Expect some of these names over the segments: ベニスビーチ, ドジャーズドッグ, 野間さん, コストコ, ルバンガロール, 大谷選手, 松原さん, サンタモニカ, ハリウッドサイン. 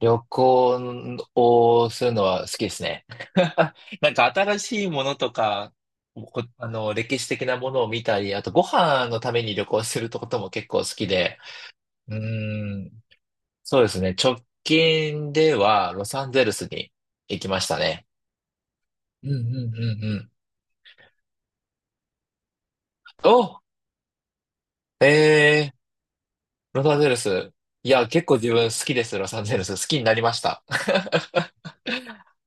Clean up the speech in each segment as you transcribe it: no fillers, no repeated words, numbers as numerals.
旅行をするのは好きですね。なんか新しいものとか、こあの、歴史的なものを見たり、あとご飯のために旅行することも結構好きで、うーん、そうですね。直近ではロサンゼルスに行きましたね。うんうんうんうん。お、えー、ロサンゼルス。いや、結構自分好きです、ロサンゼルス。好きになりました。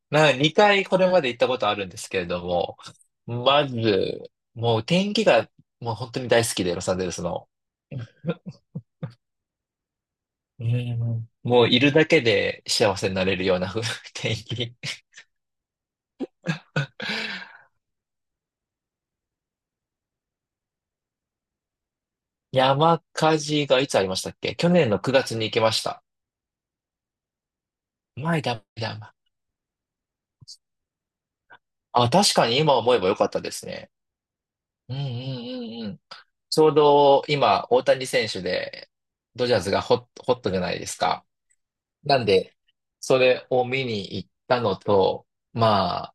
2回これまで行ったことあるんですけれども、まず、もう天気がもう本当に大好きで、ロサンゼルスの。うん、もういるだけで幸せになれるような天気。山火事がいつありましたっけ？去年の9月に行きました。前だ、前だ。あ、確かに今思えばよかったですね。うんうんうんうん。ちょうど今、大谷選手で、ドジャーズがホットじゃないですか。なんで、それを見に行ったのと、まあ、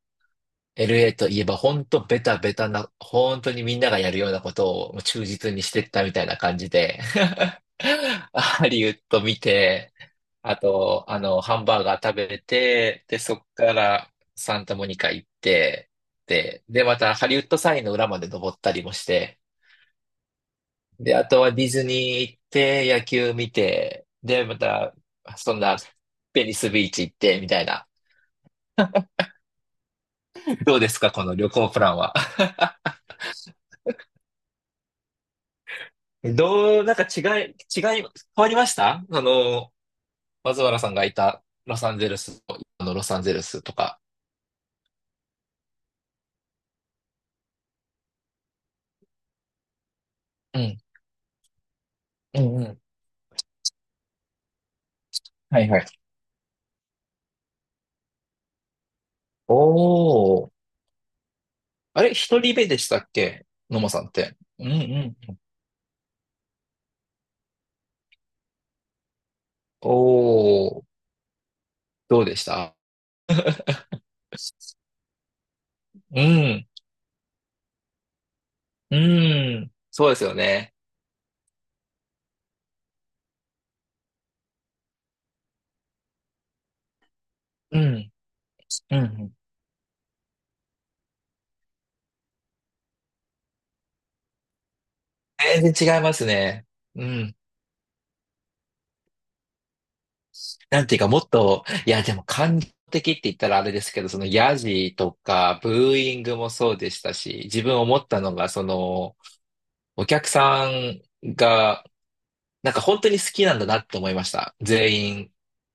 LA といえば本当ベタベタな、本当にみんながやるようなことを忠実にしてったみたいな感じで、ハリウッド見て、あと、ハンバーガー食べて、で、そっからサンタモニカ行って、で、またハリウッドサインの裏まで登ったりもして、で、あとはディズニー行って、野球見て、で、また、そんな、ベニスビーチ行って、みたいな。どうですか、この旅行プランは？どう、なんか違い、違い、変わりました松原さんがいたロサンゼルスと、あのロサンゼルスとか。うん、うん、うん。はいはい。おー。あれ、一人目でしたっけ？野間さんって。うんうん。おー。どうでした？うん、うん。そうですよね。うん。うん、全然違いますね。うん。なんていうか、もっと、いや、でも感情的って言ったらあれですけど、そのヤジとか、ブーイングもそうでしたし、自分思ったのが、お客さんが、なんか本当に好きなんだなって思いました。全員、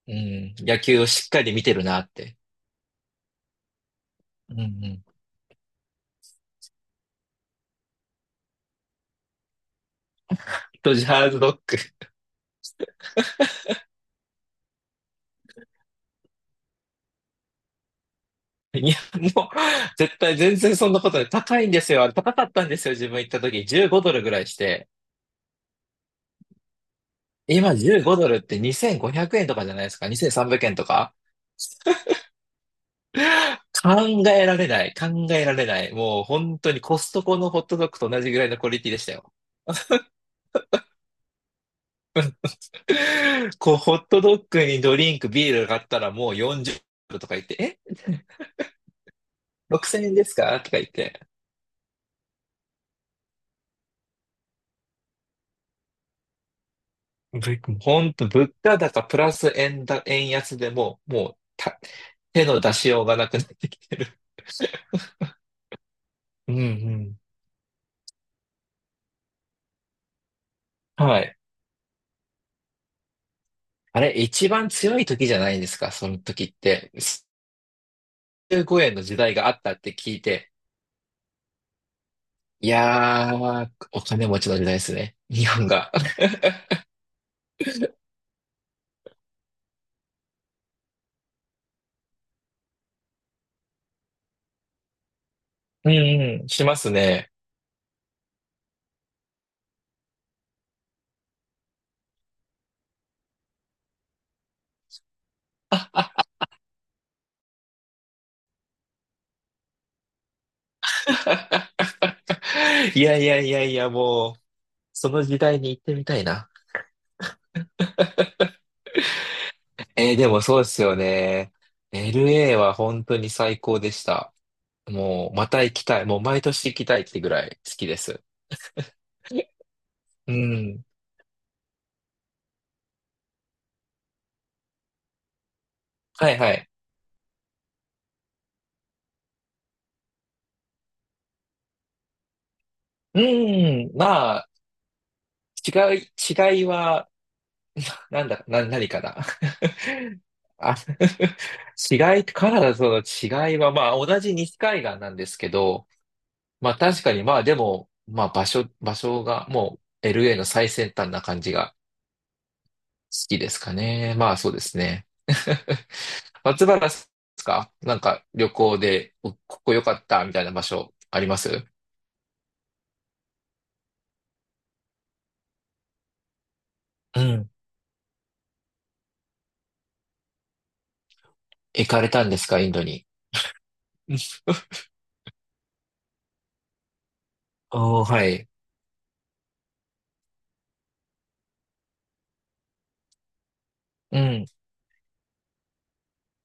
うん、野球をしっかり見てるなって。うんうん。ドジャーズドッグ。いや、もう、絶対全然そんなことない。高いんですよ。あれ高かったんですよ。自分行った時、15ドルぐらいして。今15ドルって2500円とかじゃないですか？ 2300 円とか。考えられない。考えられない。もう本当にコストコのホットドッグと同じぐらいのクオリティでしたよ。こう、ホットドッグにドリンク、ビールがあったらもう40ドルとか言って、え？ 6000 円ですかとか言って。本当、物価高プラス円安でもう、もうた、手の出しようがなくなってきてる。うんうん。はい。あれ、一番強い時じゃないですか、その時って。15円の時代があったって聞いて、いやー、お金持ちの時代ですね。日本が。うんうん、しますね。いやいやいやいや、もう、その時代に行ってみたいな。でもそうですよね。LA は本当に最高でした。もう、また行きたい。もう毎年行きたいってぐらい好きです。うん。はいはい。うん。まあ、違いはなんだ、な、何かな。あ、違い、カナダとの違いは、まあ、同じ西海岸なんですけど、まあ、確かに、まあ、でも、まあ、場所が、もう、LA の最先端な感じが好きですかね。まあ、そうですね。松原さんですか？なんか、旅行で、ここ良かった、みたいな場所、あります？うん。行かれたんですか？インドに。おー、はい。うん。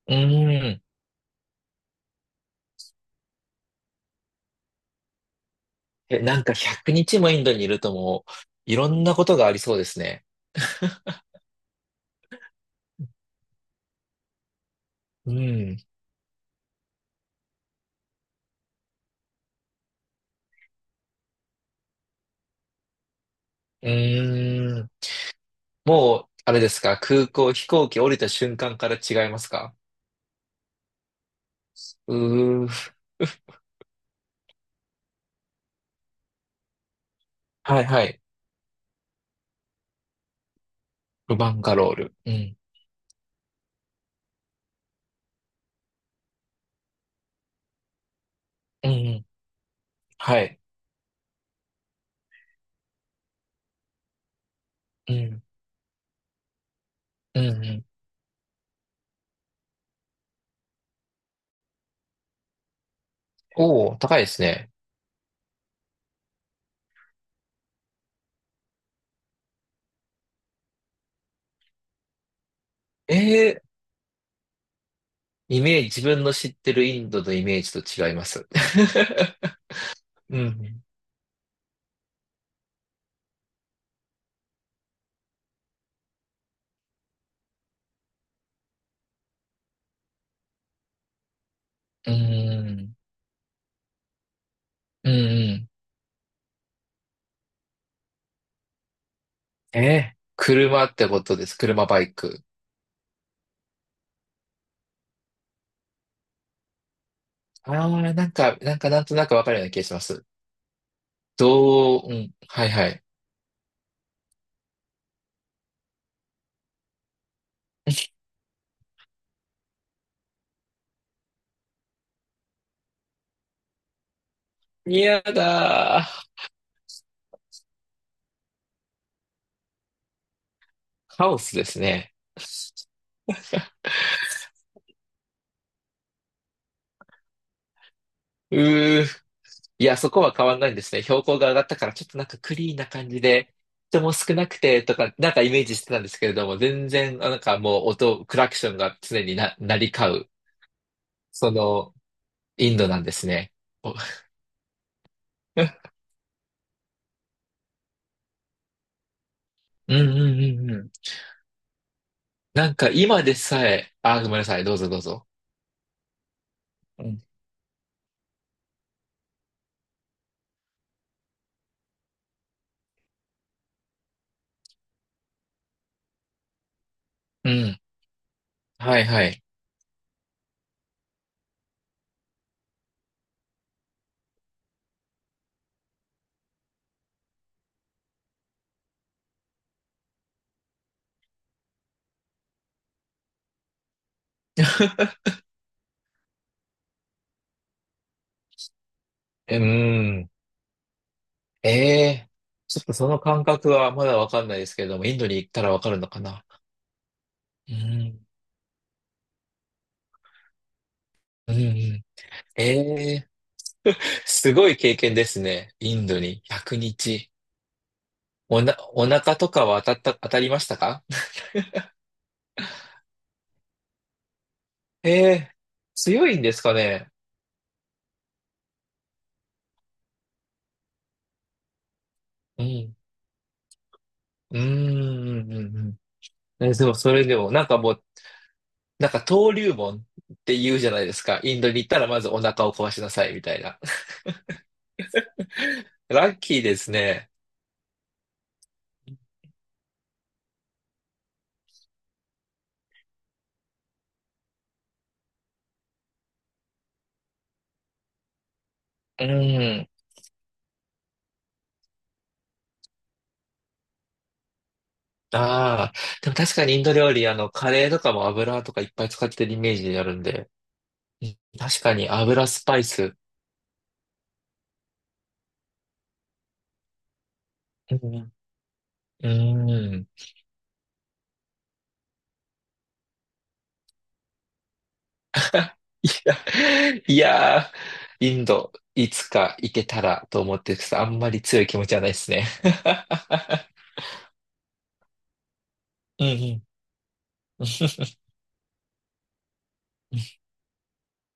うん。え、なんか100日もインドにいるともう、いろんなことがありそうですね。うん。うーん。もう、あれですか、空港、飛行機降りた瞬間から違いますか？うー。はいはい。バンガロール。うん。うんうん。はい。うん。うんうん。おー、高いですね。えー、イメージ、自分の知ってるインドのイメージと違います。うん。うん。うんうん。車ってことです。車バイク。ああ、なんか、なんかなんとなくわかるような気がします。どう、うん、はいはい。嫌だー。カオスですね。うー。いや、そこは変わんないんですね。標高が上がったから、ちょっとなんかクリーンな感じで、人も少なくてとか、なんかイメージしてたんですけれども、全然、あ、なんかもう音、クラクションが常に鳴り交う、その、インドなんですね。うんうんうんうん。なんか今でさえ、あー、ごめんなさい。どうぞどうぞ。うん。うん。はいはい。うーん。ええーちょっとその感覚はまだわかんないですけれども、インドに行ったらわかるのかな。うん、うん、うん。ええーすごい経験ですね。インドに100日。お腹とかは当たった、当たりましたか？ええー強いんですかね。うん。うーん、うん、うんうん。でも、それでも、なんかもう、なんか登竜門って言うじゃないですか。インドに行ったらまずお腹を壊しなさい、みたいな。ラッキーですね。うん。ああ、でも確かにインド料理、あの、カレーとかも油とかいっぱい使ってるイメージあるんで、うん、確かに油スパイス。うん。うん。うん いやー、インド、いつか行けたらと思ってるんですけど、あんまり強い気持ちはないですね。うんうん。